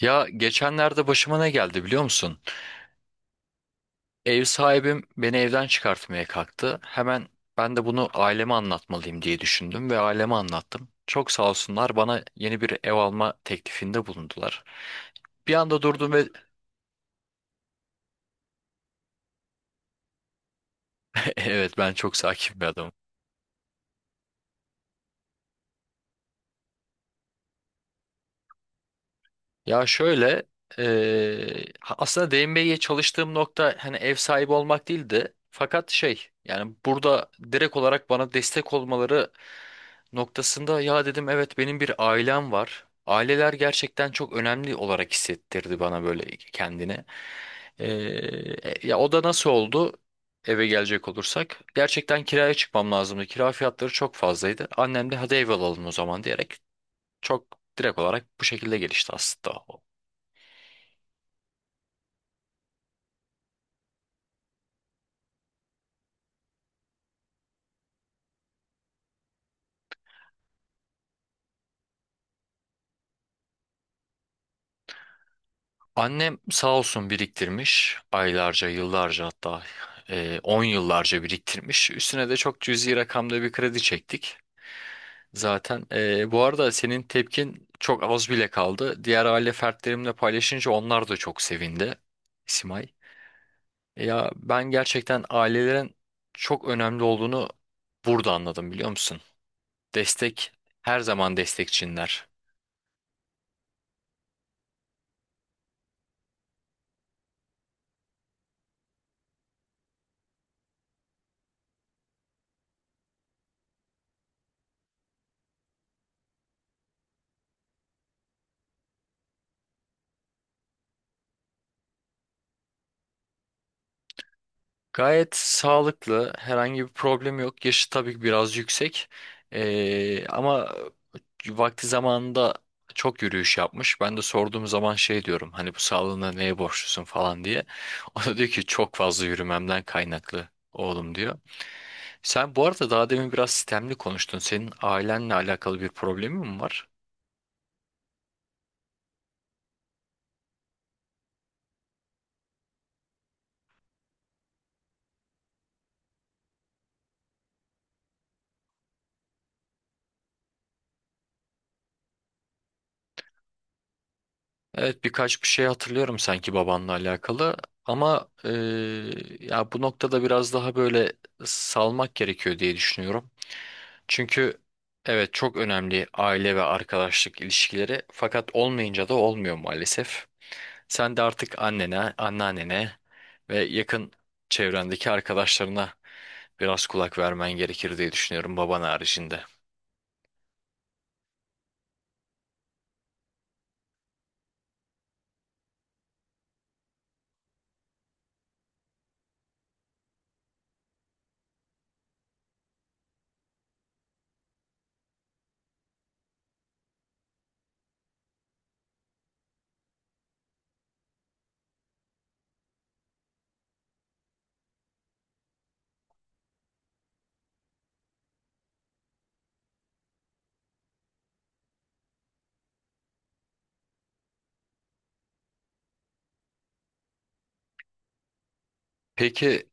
Ya geçenlerde başıma ne geldi biliyor musun? Ev sahibim beni evden çıkartmaya kalktı. Hemen ben de bunu aileme anlatmalıyım diye düşündüm ve aileme anlattım. Çok sağ olsunlar bana yeni bir ev alma teklifinde bulundular. Bir anda durdum ve evet, ben çok sakin bir adamım. Ya şöyle, aslında DMB'ye çalıştığım nokta hani ev sahibi olmak değildi. Fakat şey, yani burada direkt olarak bana destek olmaları noktasında ya dedim, evet benim bir ailem var. Aileler gerçekten çok önemli olarak hissettirdi bana böyle kendini. Eee, ya o da nasıl oldu? Eve gelecek olursak gerçekten kiraya çıkmam lazımdı. Kira fiyatları çok fazlaydı. Annem de hadi ev alalım o zaman diyerek çok direkt olarak bu şekilde gelişti aslında. Annem sağ olsun biriktirmiş aylarca, yıllarca, hatta 10 yıllarca biriktirmiş. Üstüne de çok cüzi rakamda bir kredi çektik. Zaten, bu arada senin tepkin çok az bile kaldı. Diğer aile fertlerimle paylaşınca onlar da çok sevindi Simay. Ya ben gerçekten ailelerin çok önemli olduğunu burada anladım biliyor musun? Destek her zaman destekçinler. Gayet sağlıklı, herhangi bir problem yok. Yaşı tabii ki biraz yüksek. Ama vakti zamanında çok yürüyüş yapmış. Ben de sorduğum zaman şey diyorum, hani bu sağlığına neye borçlusun falan diye. O da diyor ki çok fazla yürümemden kaynaklı oğlum diyor. Sen bu arada daha demin biraz sistemli konuştun. Senin ailenle alakalı bir problemin mi var? Evet, birkaç bir şey hatırlıyorum sanki babanla alakalı. Ama ya bu noktada biraz daha böyle salmak gerekiyor diye düşünüyorum. Çünkü evet, çok önemli aile ve arkadaşlık ilişkileri, fakat olmayınca da olmuyor maalesef. Sen de artık annene, anneannene ve yakın çevrendeki arkadaşlarına biraz kulak vermen gerekir diye düşünüyorum baban haricinde. Peki.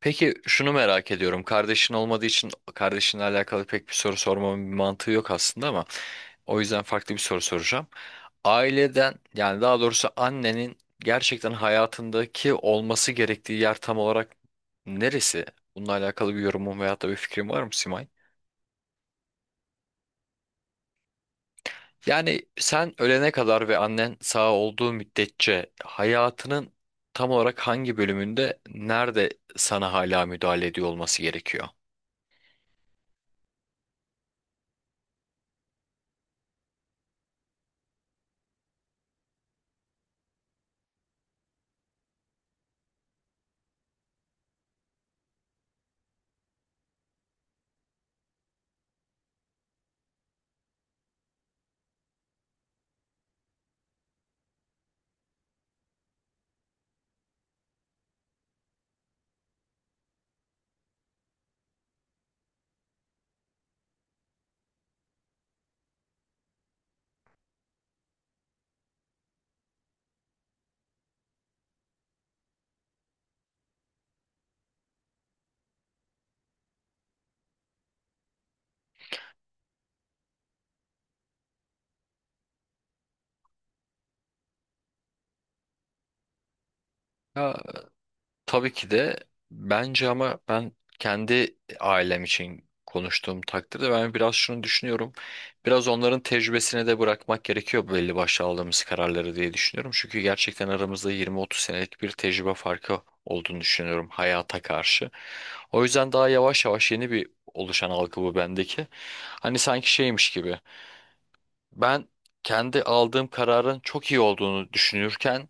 Peki, şunu merak ediyorum. Kardeşin olmadığı için kardeşinle alakalı pek bir soru sormamın bir mantığı yok aslında, ama o yüzden farklı bir soru soracağım. Aileden, yani daha doğrusu annenin gerçekten hayatındaki olması gerektiği yer tam olarak neresi? Bununla alakalı bir yorumun veyahut da bir fikrin var mı Simay? Yani sen ölene kadar ve annen sağ olduğu müddetçe hayatının tam olarak hangi bölümünde, nerede sana hala müdahale ediyor olması gerekiyor? Tabii ki de bence, ama ben kendi ailem için konuştuğum takdirde ben biraz şunu düşünüyorum. Biraz onların tecrübesine de bırakmak gerekiyor belli başlı aldığımız kararları diye düşünüyorum. Çünkü gerçekten aramızda 20-30 senelik bir tecrübe farkı olduğunu düşünüyorum hayata karşı. O yüzden daha yavaş yavaş yeni bir oluşan algı bu bendeki. Hani sanki şeymiş gibi. Ben kendi aldığım kararın çok iyi olduğunu düşünürken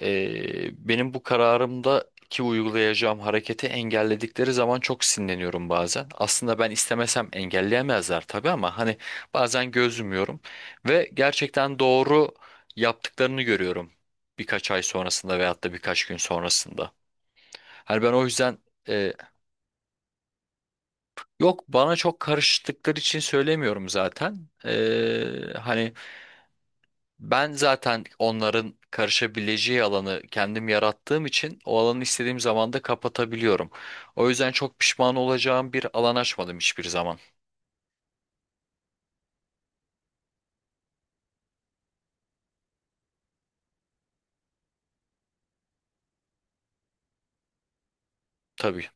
benim bu kararımdaki uygulayacağım hareketi engelledikleri zaman çok sinirleniyorum bazen. Aslında ben istemesem engelleyemezler tabii, ama hani bazen göz yumuyorum ve gerçekten doğru yaptıklarını görüyorum birkaç ay sonrasında veyahut da birkaç gün sonrasında. Hani ben o yüzden eee, yok, bana çok karıştıkları için söylemiyorum zaten. Hani ben zaten onların karışabileceği alanı kendim yarattığım için o alanı istediğim zaman da kapatabiliyorum. O yüzden çok pişman olacağım bir alan açmadım hiçbir zaman. Tabii.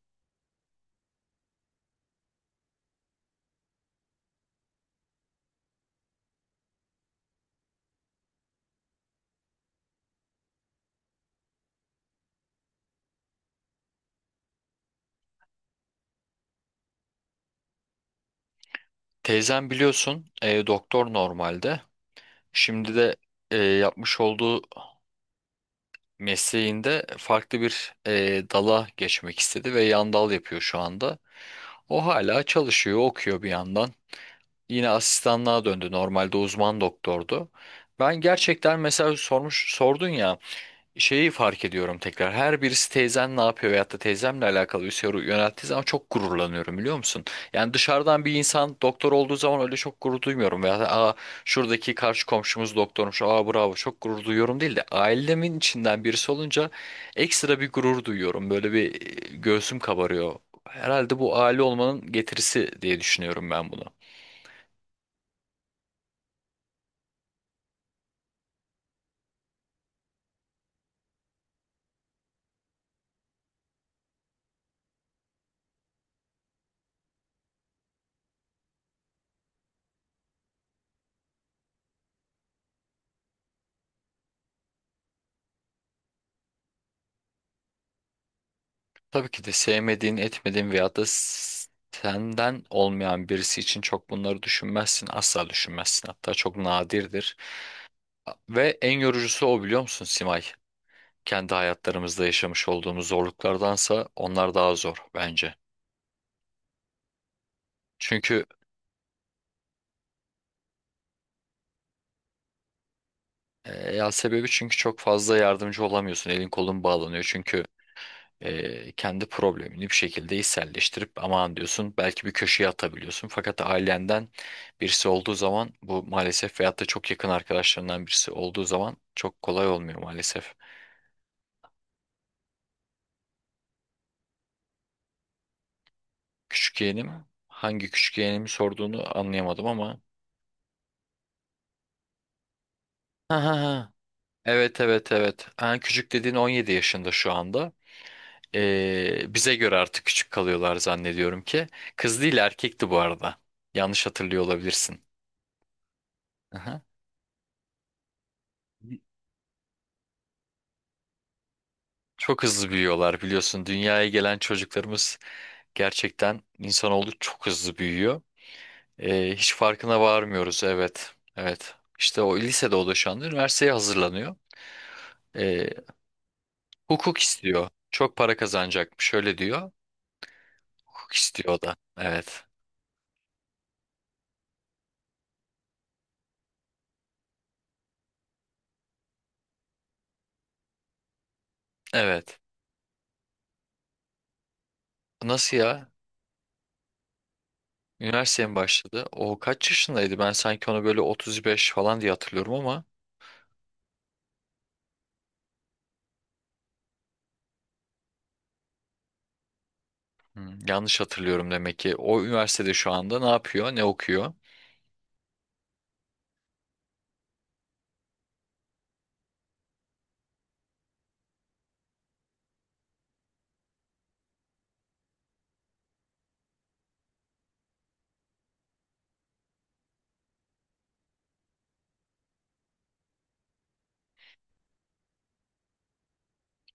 Teyzem biliyorsun doktor normalde. Şimdi de yapmış olduğu mesleğinde farklı bir dala geçmek istedi ve yan dal yapıyor şu anda. O hala çalışıyor, okuyor bir yandan. Yine asistanlığa döndü. Normalde uzman doktordu. Ben gerçekten mesela sormuş sordun ya, şeyi fark ediyorum tekrar. Her birisi teyzen ne yapıyor veyahut da teyzemle alakalı bir soru yönelttiği zaman çok gururlanıyorum biliyor musun? Yani dışarıdan bir insan doktor olduğu zaman öyle çok gurur duymuyorum. Veya aa, şuradaki karşı komşumuz doktormuş, aa bravo, çok gurur duyuyorum değil de ailemin içinden birisi olunca ekstra bir gurur duyuyorum. Böyle bir, göğsüm kabarıyor. Herhalde bu aile olmanın getirisi diye düşünüyorum ben bunu. Tabii ki de sevmediğin, etmediğin veyahut da senden olmayan birisi için çok bunları düşünmezsin. Asla düşünmezsin. Hatta çok nadirdir. Ve en yorucusu o biliyor musun Simay? Kendi hayatlarımızda yaşamış olduğumuz zorluklardansa onlar daha zor bence. Çünkü ya sebebi, çünkü çok fazla yardımcı olamıyorsun. Elin kolun bağlanıyor. Çünkü kendi problemini bir şekilde içselleştirip aman diyorsun, belki bir köşeye atabiliyorsun. Fakat ailenden birisi olduğu zaman bu maalesef veyahut da çok yakın arkadaşlarından birisi olduğu zaman çok kolay olmuyor maalesef. Küçük yeğenim, hangi küçük yeğenimi sorduğunu anlayamadım, ama ha ha ha, evet evet evet, ha, küçük dediğin 17 yaşında şu anda. E, bize göre artık küçük kalıyorlar zannediyorum ki. Kız değil, erkekti bu arada. Yanlış hatırlıyor olabilirsin. Aha. Çok hızlı büyüyorlar biliyorsun. Dünyaya gelen çocuklarımız, gerçekten insanoğlu çok hızlı büyüyor. Hiç farkına varmıyoruz. Evet. Evet. İşte o lisede, o da şu anda üniversiteye hazırlanıyor. Ee, hukuk istiyor. Çok para kazanacakmış. Şöyle diyor. Hukuk istiyor o da. Evet. Evet. Nasıl ya? Üniversiteye mi başladı? O kaç yaşındaydı? Ben sanki onu böyle 35 falan diye hatırlıyorum ama, hmm, yanlış hatırlıyorum demek ki. O üniversitede şu anda ne yapıyor? Ne okuyor?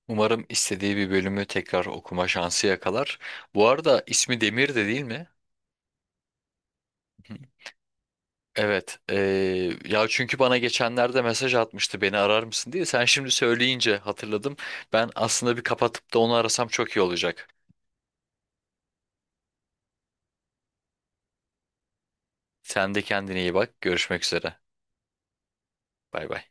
Umarım istediği bir bölümü tekrar okuma şansı yakalar. Bu arada ismi Demir de değil mi? Hı. Evet. Ya çünkü bana geçenlerde mesaj atmıştı beni arar mısın diye. Sen şimdi söyleyince hatırladım. Ben aslında bir kapatıp da onu arasam çok iyi olacak. Sen de kendine iyi bak. Görüşmek üzere. Bay bay.